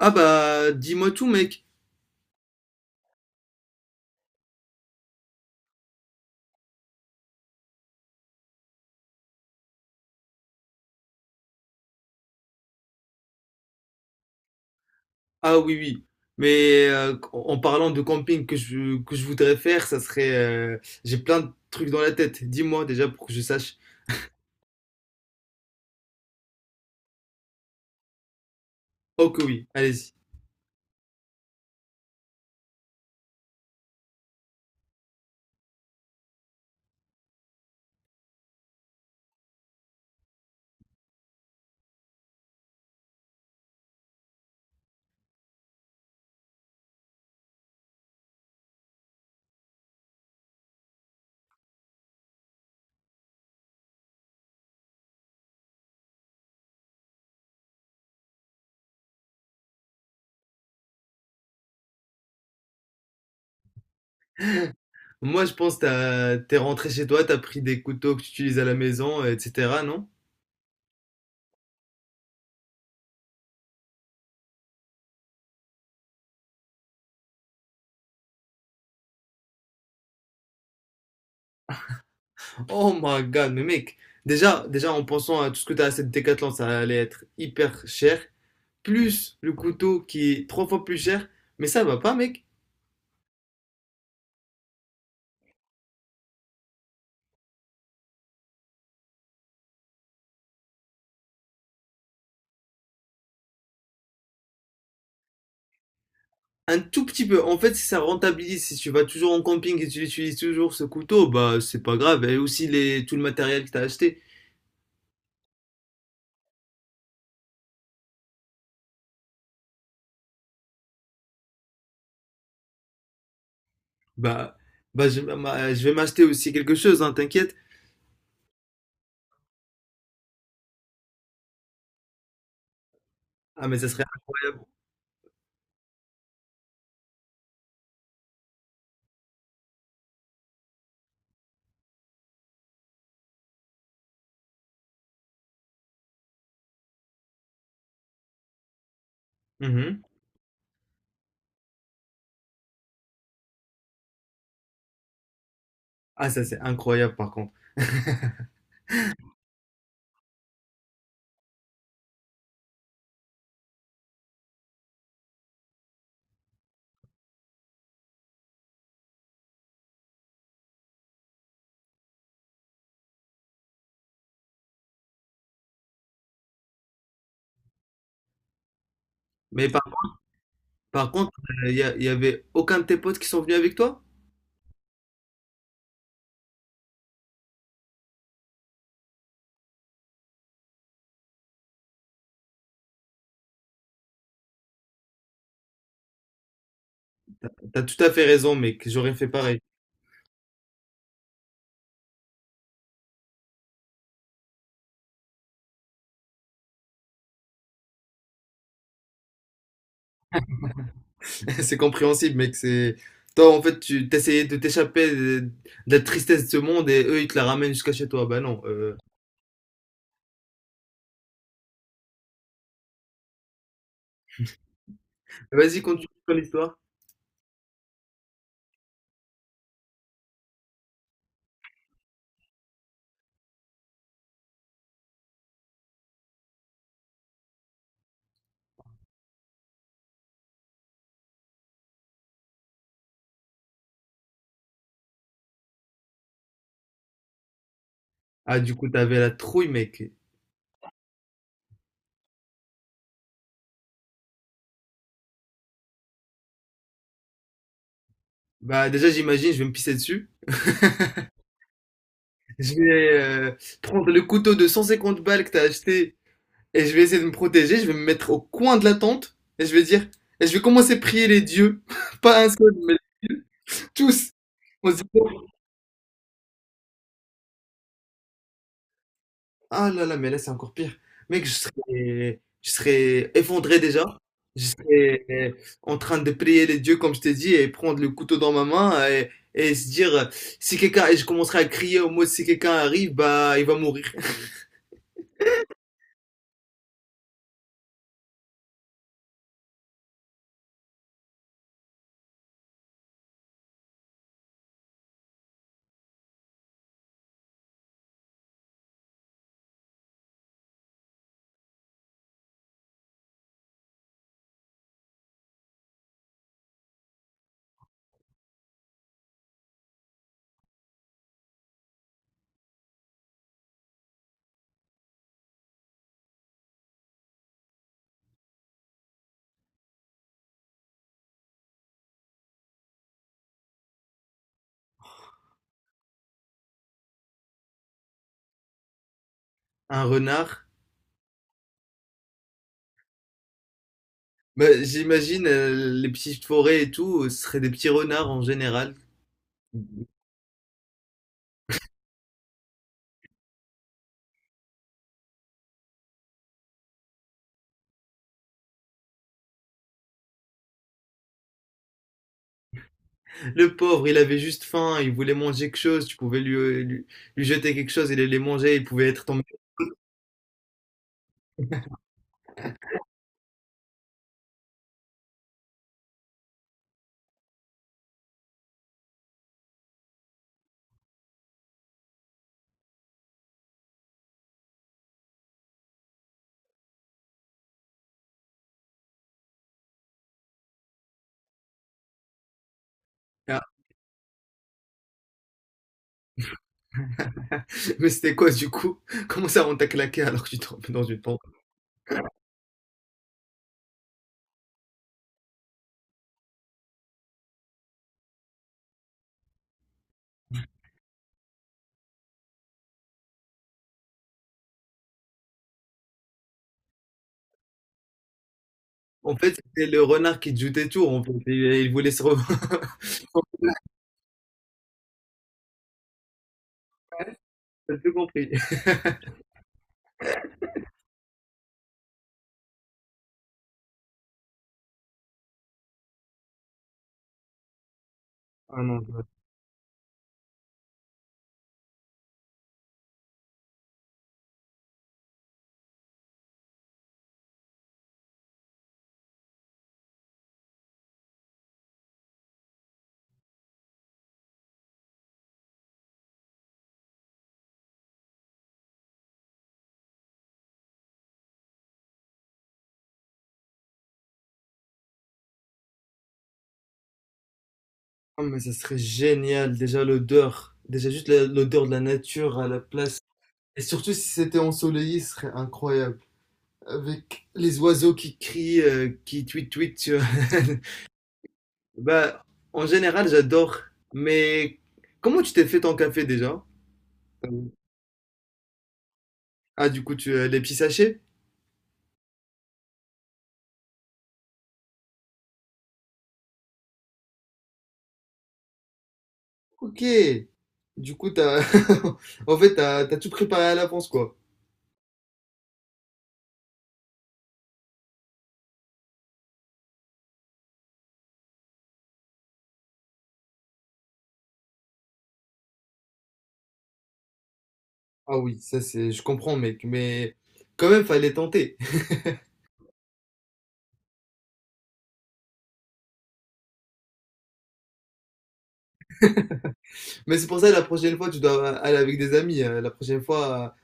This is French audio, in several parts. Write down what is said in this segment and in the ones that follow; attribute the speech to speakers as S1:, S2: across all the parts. S1: Ah bah dis-moi tout mec. Ah oui oui. En parlant de camping que je voudrais faire, ça serait... j'ai plein de trucs dans la tête. Dis-moi déjà pour que je sache. Oh que oui, allez-y. Moi je pense que t'es rentré chez toi, t'as pris des couteaux que tu utilises à la maison, etc. Non? Oh my god, mais mec. Déjà en pensant à tout ce que t'as à cette Décathlon, ça allait être hyper cher. Plus le couteau qui est trois fois plus cher. Mais ça va pas mec. Un tout petit peu. En fait, si ça rentabilise. Si tu vas toujours en camping et tu utilises toujours ce couteau, bah c'est pas grave. Et aussi tout le matériel que t'as acheté, bah, je vais m'acheter aussi quelque chose, hein, t'inquiète. Ah mais ça serait incroyable. Mhm. Ah ça c'est incroyable par contre. Mais par, Par contre, y avait aucun de tes potes qui sont venus avec toi? T'as tout à fait raison, mec. J'aurais fait pareil. C'est compréhensible, mec. C'est toi en fait tu t'essayais de t'échapper de la tristesse de ce monde et eux ils te la ramènent jusqu'à chez toi. Bah non. Vas-y, continue ton histoire. Ah, du coup, t'avais la trouille, mec. Bah, déjà, j'imagine, je vais me pisser dessus. Je vais prendre le couteau de 150 balles que t'as acheté et je vais essayer de me protéger. Je vais me mettre au coin de la tente et je vais dire, et je vais commencer à prier les dieux. Pas un seul, mais tous. On se dit, bon, ah là là, mais là, c'est encore pire. Mec, je serais effondré déjà. Je serais en train de prier les dieux, comme je t'ai dit, et prendre le couteau dans ma main et se dire, si quelqu'un, et je commencerai à crier au mot, si quelqu'un arrive, bah, il va mourir. Un renard. Bah, j'imagine, les petites forêts et tout, ce seraient des petits renards en général. Le pauvre, il avait juste faim, il voulait manger quelque chose, tu pouvais lui jeter quelque chose, il allait manger, il pouvait être tombé. Mais c'était quoi du coup? Comment ça on t'a claqué alors que tu tombes dans une tente? En fait, c'était le renard qui te jouait tour en fait et il voulait se re J'ai tout compris. Ah non, je ah mais ça serait génial, déjà l'odeur, déjà juste la l'odeur de la nature à la place et surtout si c'était ensoleillé, ce serait incroyable avec les oiseaux qui crient, qui tweet tweet tu vois? Bah, en général j'adore, mais comment tu t'es fait ton café déjà? Ah oui. Ah du coup tu, les petits sachets? OK. Du coup, t'as, en fait, t'as tout préparé à l'avance, quoi. Ah oui, ça c'est, je comprends, mec, mais quand même, fallait tenter. Mais c'est pour ça, la prochaine fois, tu dois aller avec des amis. La prochaine fois,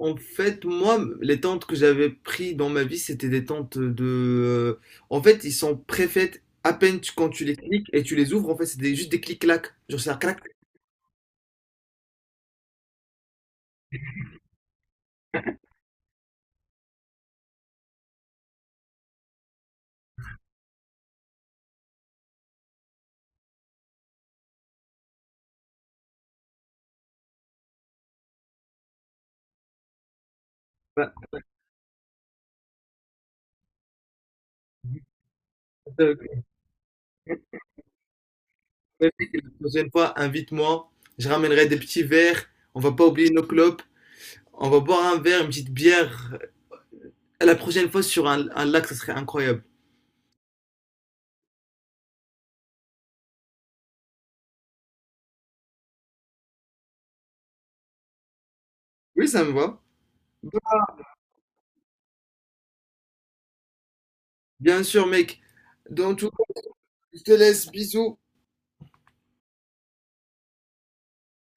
S1: en fait, moi, les tentes que j'avais pris dans ma vie, c'était des tentes en fait, ils sont préfaites à peine quand tu les cliques et tu les ouvres. En fait, c'était juste des clics-clacs. Genre, ça clac. Bah, euh, ouais, la prochaine fois, invite-moi. Je ramènerai des petits verres. On va pas oublier nos clopes. On va boire un verre, une petite bière. La prochaine fois sur un lac, ça serait incroyable. Oui, ça me va. Bien sûr, mec. Dans tout cas, je te laisse. Bisous.